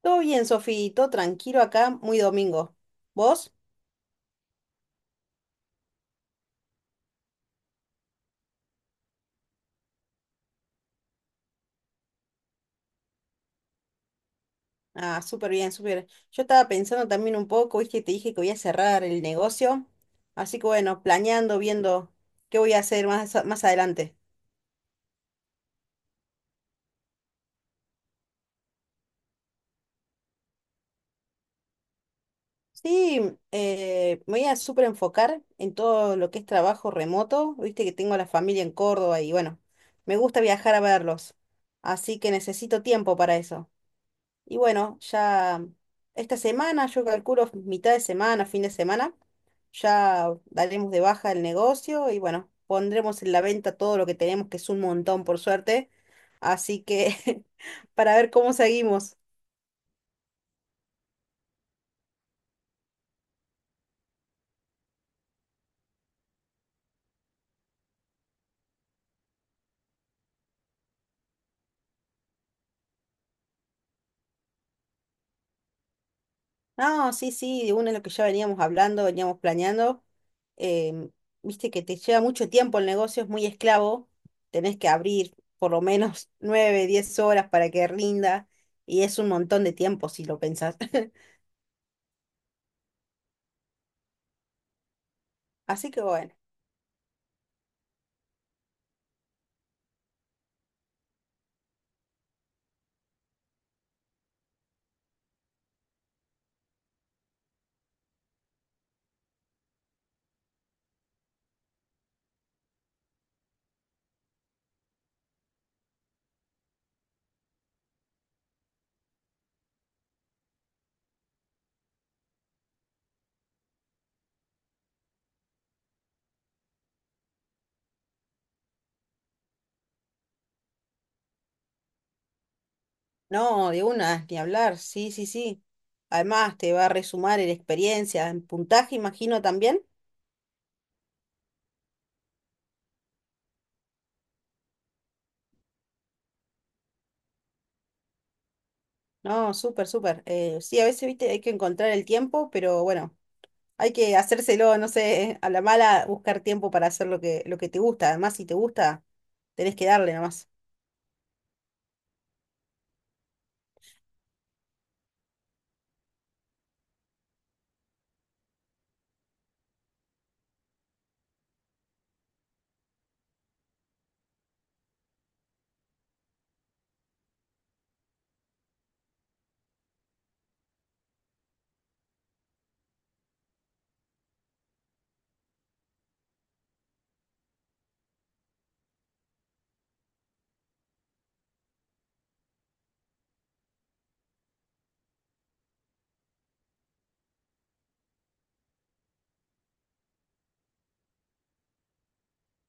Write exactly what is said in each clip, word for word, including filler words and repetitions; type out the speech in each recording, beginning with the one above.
Todo bien, Sofi, todo tranquilo acá, muy domingo. ¿Vos? Ah, súper bien, súper. Yo estaba pensando también un poco, viste, te dije que voy a cerrar el negocio. Así que bueno, planeando, viendo qué voy a hacer más, a- más adelante. Sí, eh, me voy a súper enfocar en todo lo que es trabajo remoto. Viste que tengo a la familia en Córdoba y bueno, me gusta viajar a verlos. Así que necesito tiempo para eso. Y bueno, ya esta semana, yo calculo mitad de semana, fin de semana, ya daremos de baja el negocio y bueno, pondremos en la venta todo lo que tenemos, que es un montón por suerte. Así que para ver cómo seguimos. No, sí, sí, de una es lo que ya veníamos hablando, veníamos planeando. em, Viste que te lleva mucho tiempo el negocio, es muy esclavo. Tenés que abrir por lo menos nueve, diez horas para que rinda. Y es un montón de tiempo si lo pensás. Así que bueno, no, de una, ni hablar, sí, sí, sí. Además, te va a resumar en experiencia, en puntaje, imagino también. No, súper, súper. Eh, sí, a veces, viste, hay que encontrar el tiempo, pero bueno, hay que hacérselo, no sé, a la mala, buscar tiempo para hacer lo que, lo que te gusta. Además, si te gusta, tenés que darle nomás.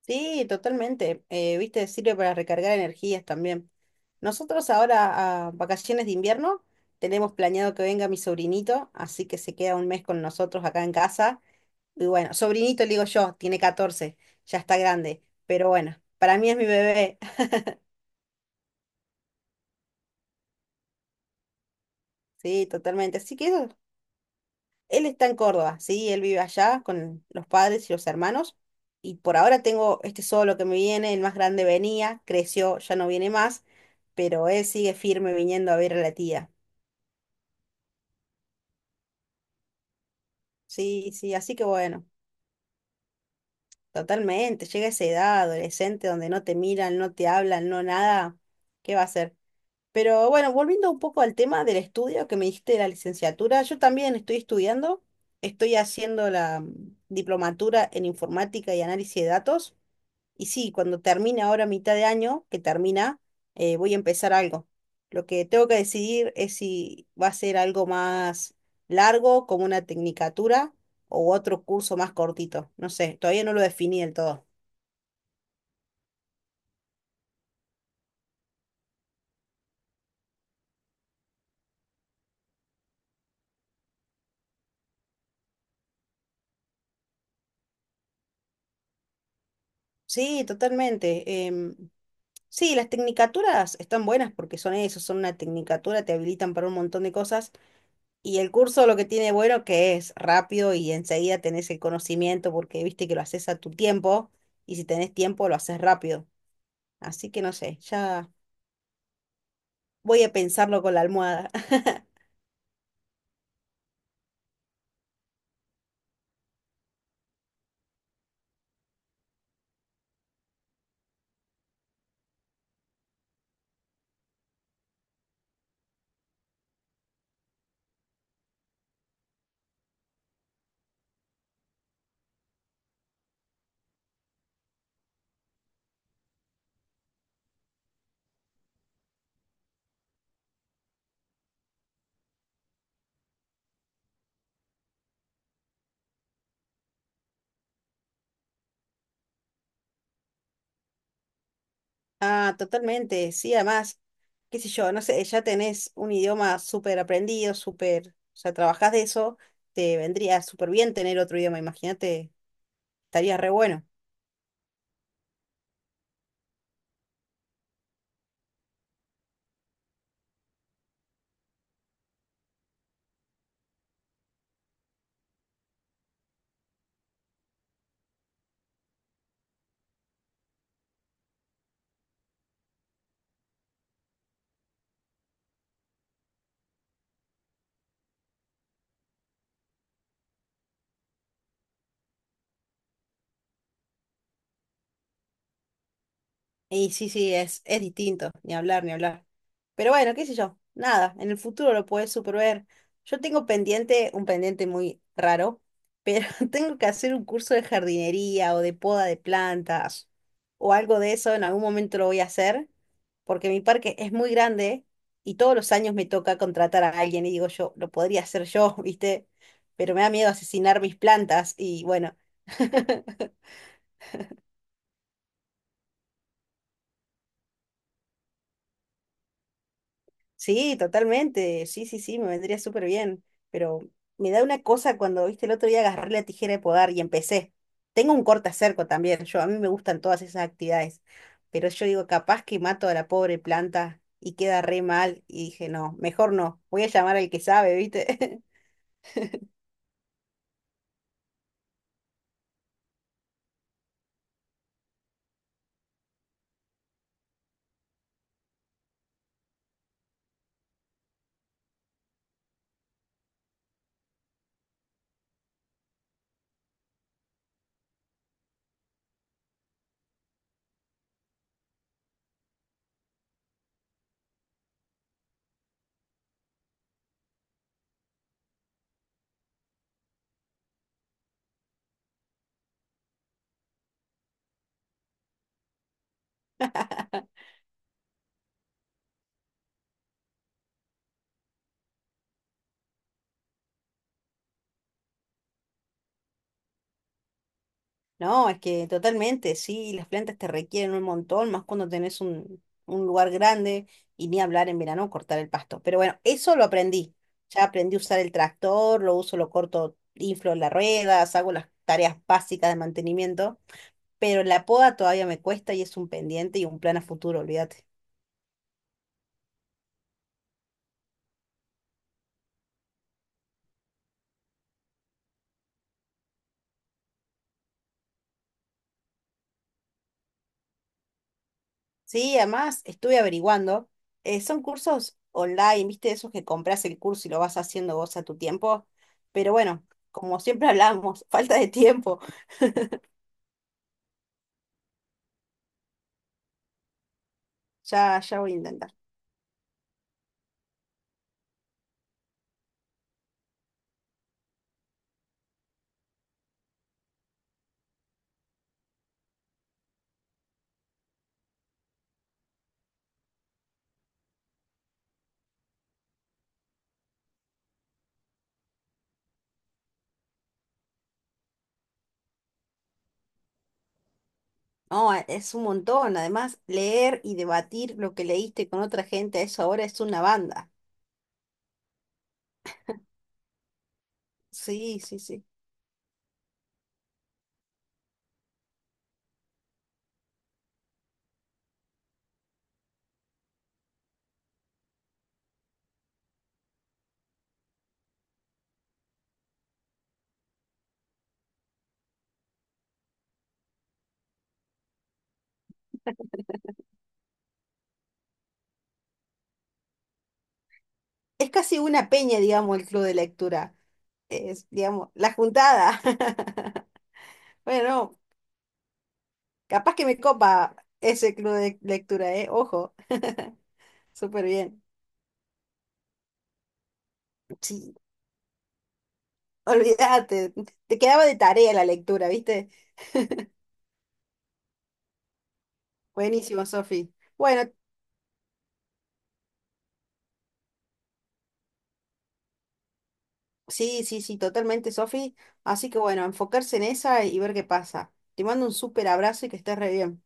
Sí, totalmente. Eh, viste, sirve para recargar energías también. Nosotros ahora a vacaciones de invierno tenemos planeado que venga mi sobrinito, así que se queda un mes con nosotros acá en casa. Y bueno, sobrinito le digo yo, tiene catorce, ya está grande, pero bueno, para mí es mi bebé. Sí, totalmente. Así que eso. Él está en Córdoba, sí, él vive allá con los padres y los hermanos. Y por ahora tengo este solo que me viene, el más grande venía, creció, ya no viene más, pero él sigue firme viniendo a ver a la tía. Sí, sí, así que bueno, totalmente. Llega esa edad adolescente donde no te miran, no te hablan, no nada. ¿Qué va a hacer? Pero bueno, volviendo un poco al tema del estudio que me diste de la licenciatura, yo también estoy estudiando, estoy haciendo la mm, diplomatura en informática y análisis de datos. Y sí, cuando termine ahora mitad de año, que termina, eh, voy a empezar algo. Lo que tengo que decidir es si va a ser algo más largo, como una tecnicatura, o otro curso más cortito. No sé, todavía no lo definí del todo. Sí, totalmente. em, sí, las tecnicaturas están buenas porque son eso, son una tecnicatura, te habilitan para un montón de cosas. Y el curso lo que tiene bueno que es rápido y enseguida tenés el conocimiento porque viste que lo haces a tu tiempo y si tenés tiempo lo haces rápido. Así que no sé, ya voy a pensarlo con la almohada. Ah, totalmente, sí, además, qué sé yo, no sé, ya tenés un idioma súper aprendido, súper, o sea, trabajás de eso, te vendría súper bien tener otro idioma, imagínate, estaría re bueno. Y sí, sí, es, es distinto, ni hablar, ni hablar. Pero bueno, qué sé yo, nada, en el futuro lo puedes super ver. Yo tengo pendiente, un pendiente muy raro, pero tengo que hacer un curso de jardinería o de poda de plantas o algo de eso, en algún momento lo voy a hacer, porque mi parque es muy grande y todos los años me toca contratar a alguien y digo yo, lo podría hacer yo, ¿viste? Pero me da miedo asesinar mis plantas y bueno. Sí, totalmente. Sí, sí, sí, me vendría súper bien. Pero me da una cosa cuando, viste, el otro día agarré la tijera de podar y empecé. Tengo un cortacerco también. Yo, a mí me gustan todas esas actividades. Pero yo digo, capaz que mato a la pobre planta y queda re mal. Y dije, no, mejor no. Voy a llamar al que sabe, ¿viste? No, es que totalmente, sí, las plantas te requieren un montón, más cuando tenés un, un lugar grande y ni hablar en verano cortar el pasto. Pero bueno, eso lo aprendí. Ya aprendí a usar el tractor, lo uso, lo corto, inflo las ruedas, hago las tareas básicas de mantenimiento, pero la poda todavía me cuesta y es un pendiente y un plan a futuro, olvídate. Sí, además estuve averiguando, eh, son cursos online, ¿viste? Esos que compras el curso y lo vas haciendo vos a tu tiempo, pero bueno, como siempre hablamos, falta de tiempo. Ya, ya voy a intentar. No, a- es un montón. Además, leer y debatir lo que leíste con otra gente, eso ahora es una banda. Sí, sí, sí. Es casi una peña, digamos, el club de lectura. Es, digamos, la juntada. Bueno, capaz que me copa ese club de lectura, ¿eh? Ojo. Súper bien. Sí, olvídate. Te quedaba de tarea la lectura, ¿viste? Buenísimo, Sofi. Bueno, Sí, sí, sí, totalmente, Sofi. Así que bueno, enfocarse en esa y ver qué pasa. Te mando un súper abrazo y que estés re bien.